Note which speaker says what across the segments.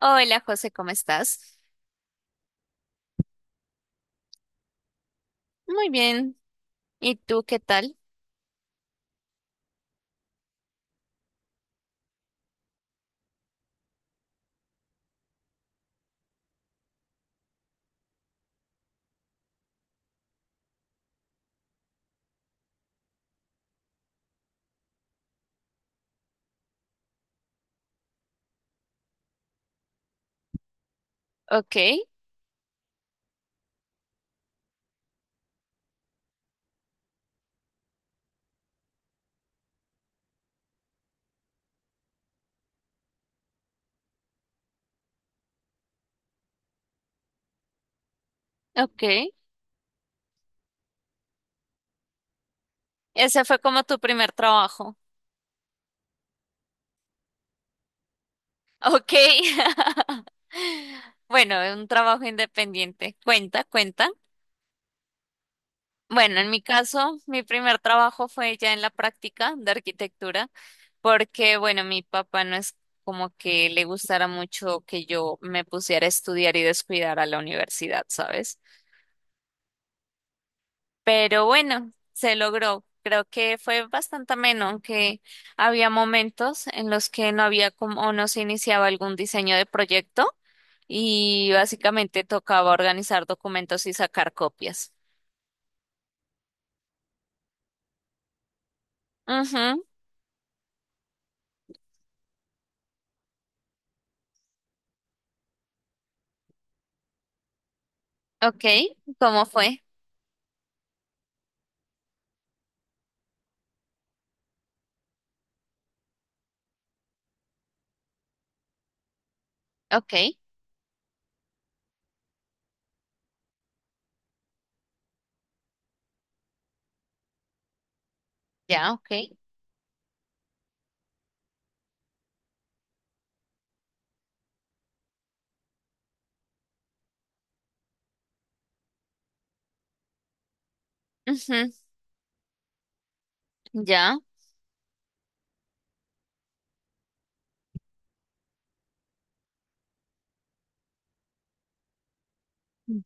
Speaker 1: Hola José, ¿cómo estás? Muy bien. ¿Y tú qué tal? Ok, ok. Ese fue como tu primer trabajo. Ok. Bueno, un trabajo independiente. Cuenta, cuenta. Bueno, en mi caso, mi primer trabajo fue ya en la práctica de arquitectura, porque bueno, mi papá no es como que le gustara mucho que yo me pusiera a estudiar y descuidar a la universidad, ¿sabes? Pero bueno, se logró. Creo que fue bastante ameno, aunque había momentos en los que no había como o no se iniciaba algún diseño de proyecto y básicamente tocaba organizar documentos y sacar copias. Ujú, ok, ¿cómo fue? Ok, ya, ok. Ujú, ya,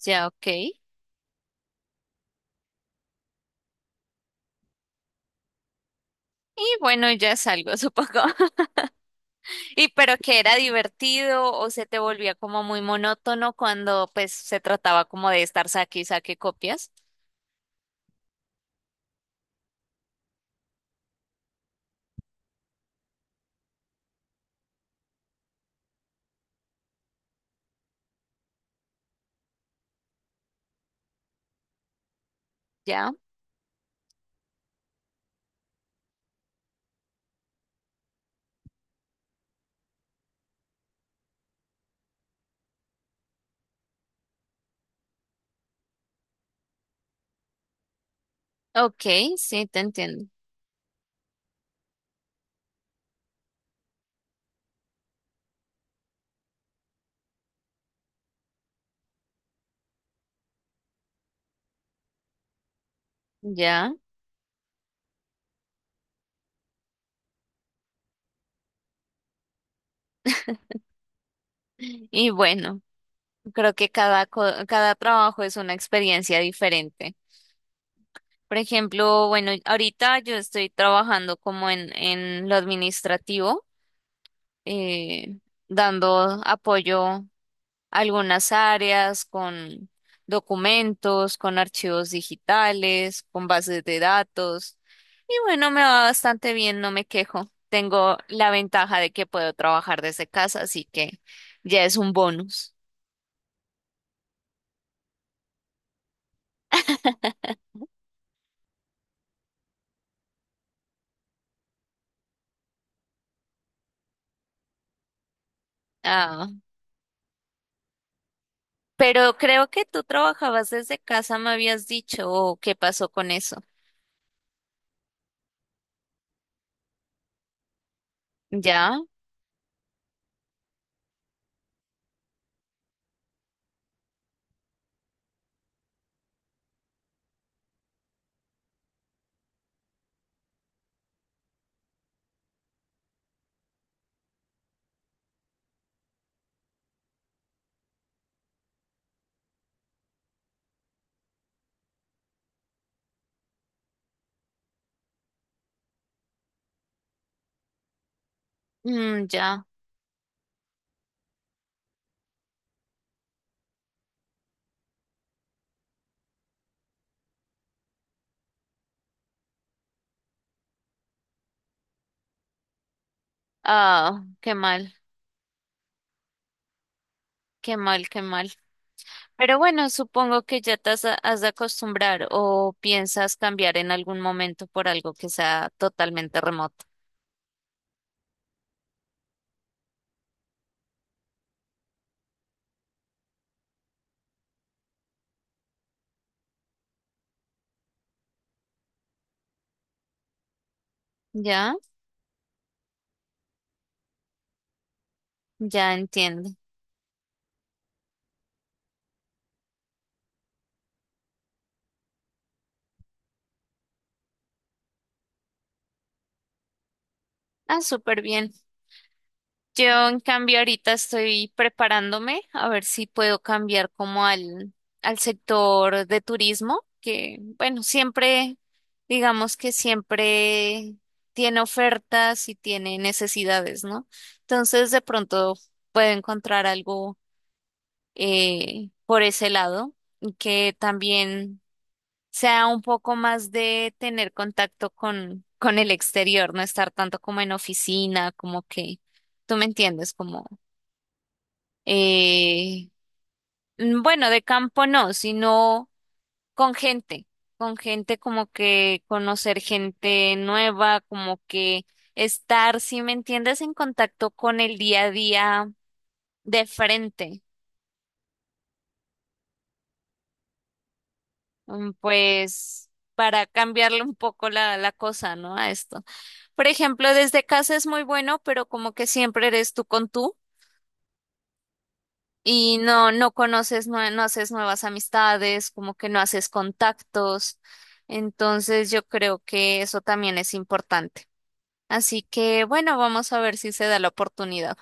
Speaker 1: ya, ok. Y bueno, ya es algo, supongo. Y pero que era divertido o se te volvía como muy monótono cuando pues se trataba como de estar saque y saque copias. Ya, ok, sí, te entiendo. Ya. Y bueno, creo que cada trabajo es una experiencia diferente. Por ejemplo, bueno, ahorita yo estoy trabajando como en lo administrativo, eh, dando apoyo. Algunas áreas con documentos, con archivos digitales, con bases de datos. Y bueno, me va bastante bien, no me quejo. Tengo la ventaja de que puedo trabajar desde casa, así que ya es un bonus. Ah, pero creo que tú trabajabas desde casa, me habías dicho, o qué pasó con eso. ¿Ya? Mm, ya. Ah, qué mal, qué mal, qué mal. Pero bueno, supongo que ya te has de acostumbrar o piensas cambiar en algún momento por algo que sea totalmente remoto. ¿Ya? Ya entiendo. Ah, súper bien. Yo, en cambio, ahorita estoy preparándome a ver si puedo cambiar como al sector de turismo, que bueno, siempre, digamos que siempre tiene ofertas y tiene necesidades, ¿no? Entonces, de pronto puedo encontrar algo por ese lado, y que también sea un poco más de tener contacto con el exterior, no estar tanto como en oficina, como que, tú me entiendes, como, eh, mm, bueno, de campo no, sino con gente, con gente como que conocer gente nueva, como que estar, si me entiendes, en contacto con el día a día de frente. Mm, pues para cambiarle un poco la cosa, ¿no? A esto. Por ejemplo, desde casa es muy bueno, pero como que siempre eres tú con tú y no, no conoces, nue- no, haces nuevas amistades, como que no haces contactos. Entonces yo creo que eso también es importante. Así que bueno, vamos a ver si se da la oportunidad.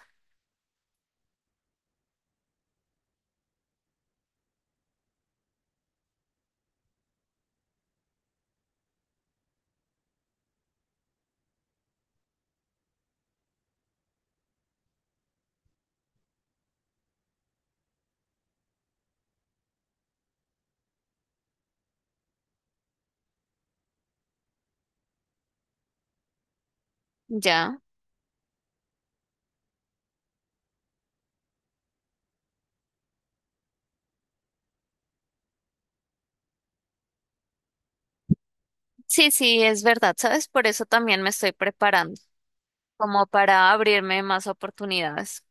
Speaker 1: Ya. Sí, sí, es verdad, ¿sabes? Por eso también me estoy preparando, como para abrirme más oportunidades.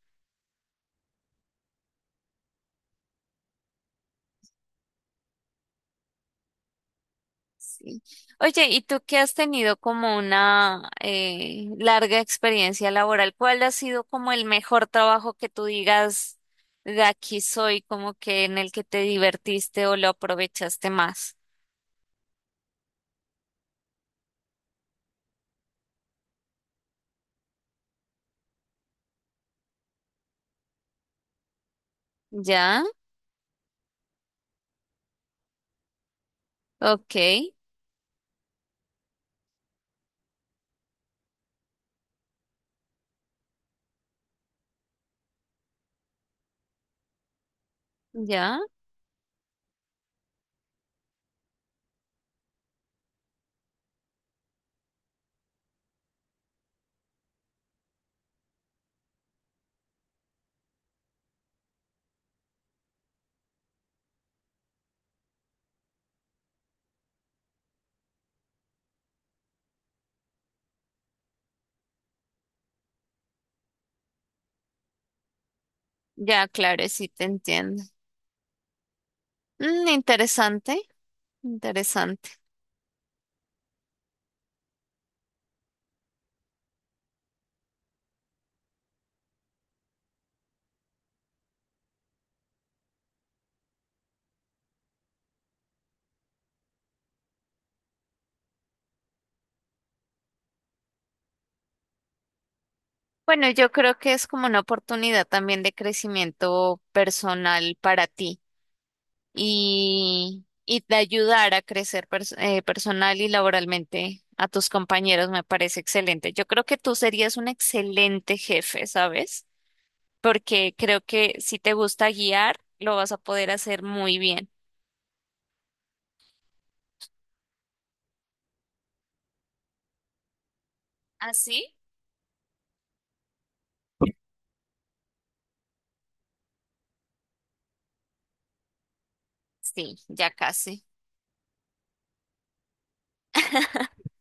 Speaker 1: Sí. Oye, ¿y tú que has tenido como una larga experiencia laboral? ¿Cuál ha sido como el mejor trabajo que tú digas de aquí soy, como que en el que te divertiste o lo aprovechaste más? Ya, ok, ya, ya, claro, sí te entiendo. Mm, interesante, interesante. Bueno, yo creo que es como una oportunidad también de crecimiento personal para ti. Y, y te ayudar a crecer personal y laboralmente a tus compañeros me parece excelente. Yo creo que tú serías un excelente jefe, ¿sabes? Porque creo que si te gusta guiar, lo vas a poder hacer muy bien. ¿Ah, sí? Sí, ya casi.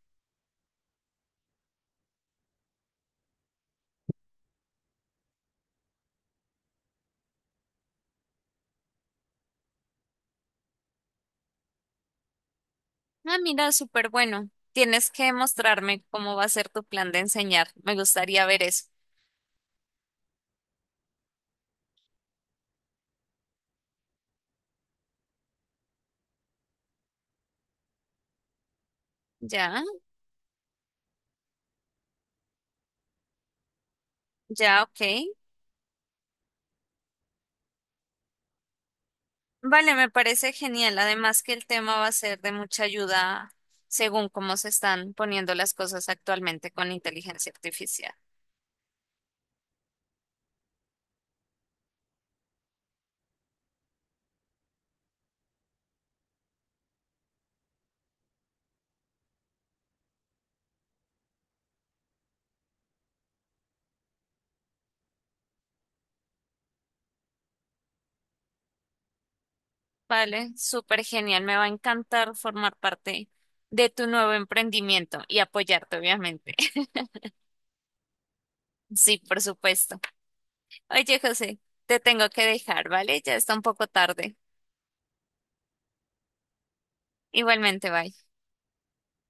Speaker 1: Ah, mira, súper bueno. Tienes que mostrarme cómo va a ser tu plan de enseñar. Me gustaría ver eso. Ya, ya, ok. Vale, me parece genial. Además que el tema va a ser de mucha ayuda según cómo se están poniendo las cosas actualmente con inteligencia artificial. Vale, súper genial. Me va a encantar formar parte de tu nuevo emprendimiento y apoyarte, obviamente. Sí, por supuesto. Oye, José, te tengo que dejar, ¿vale? Ya está un poco tarde. Igualmente, bye.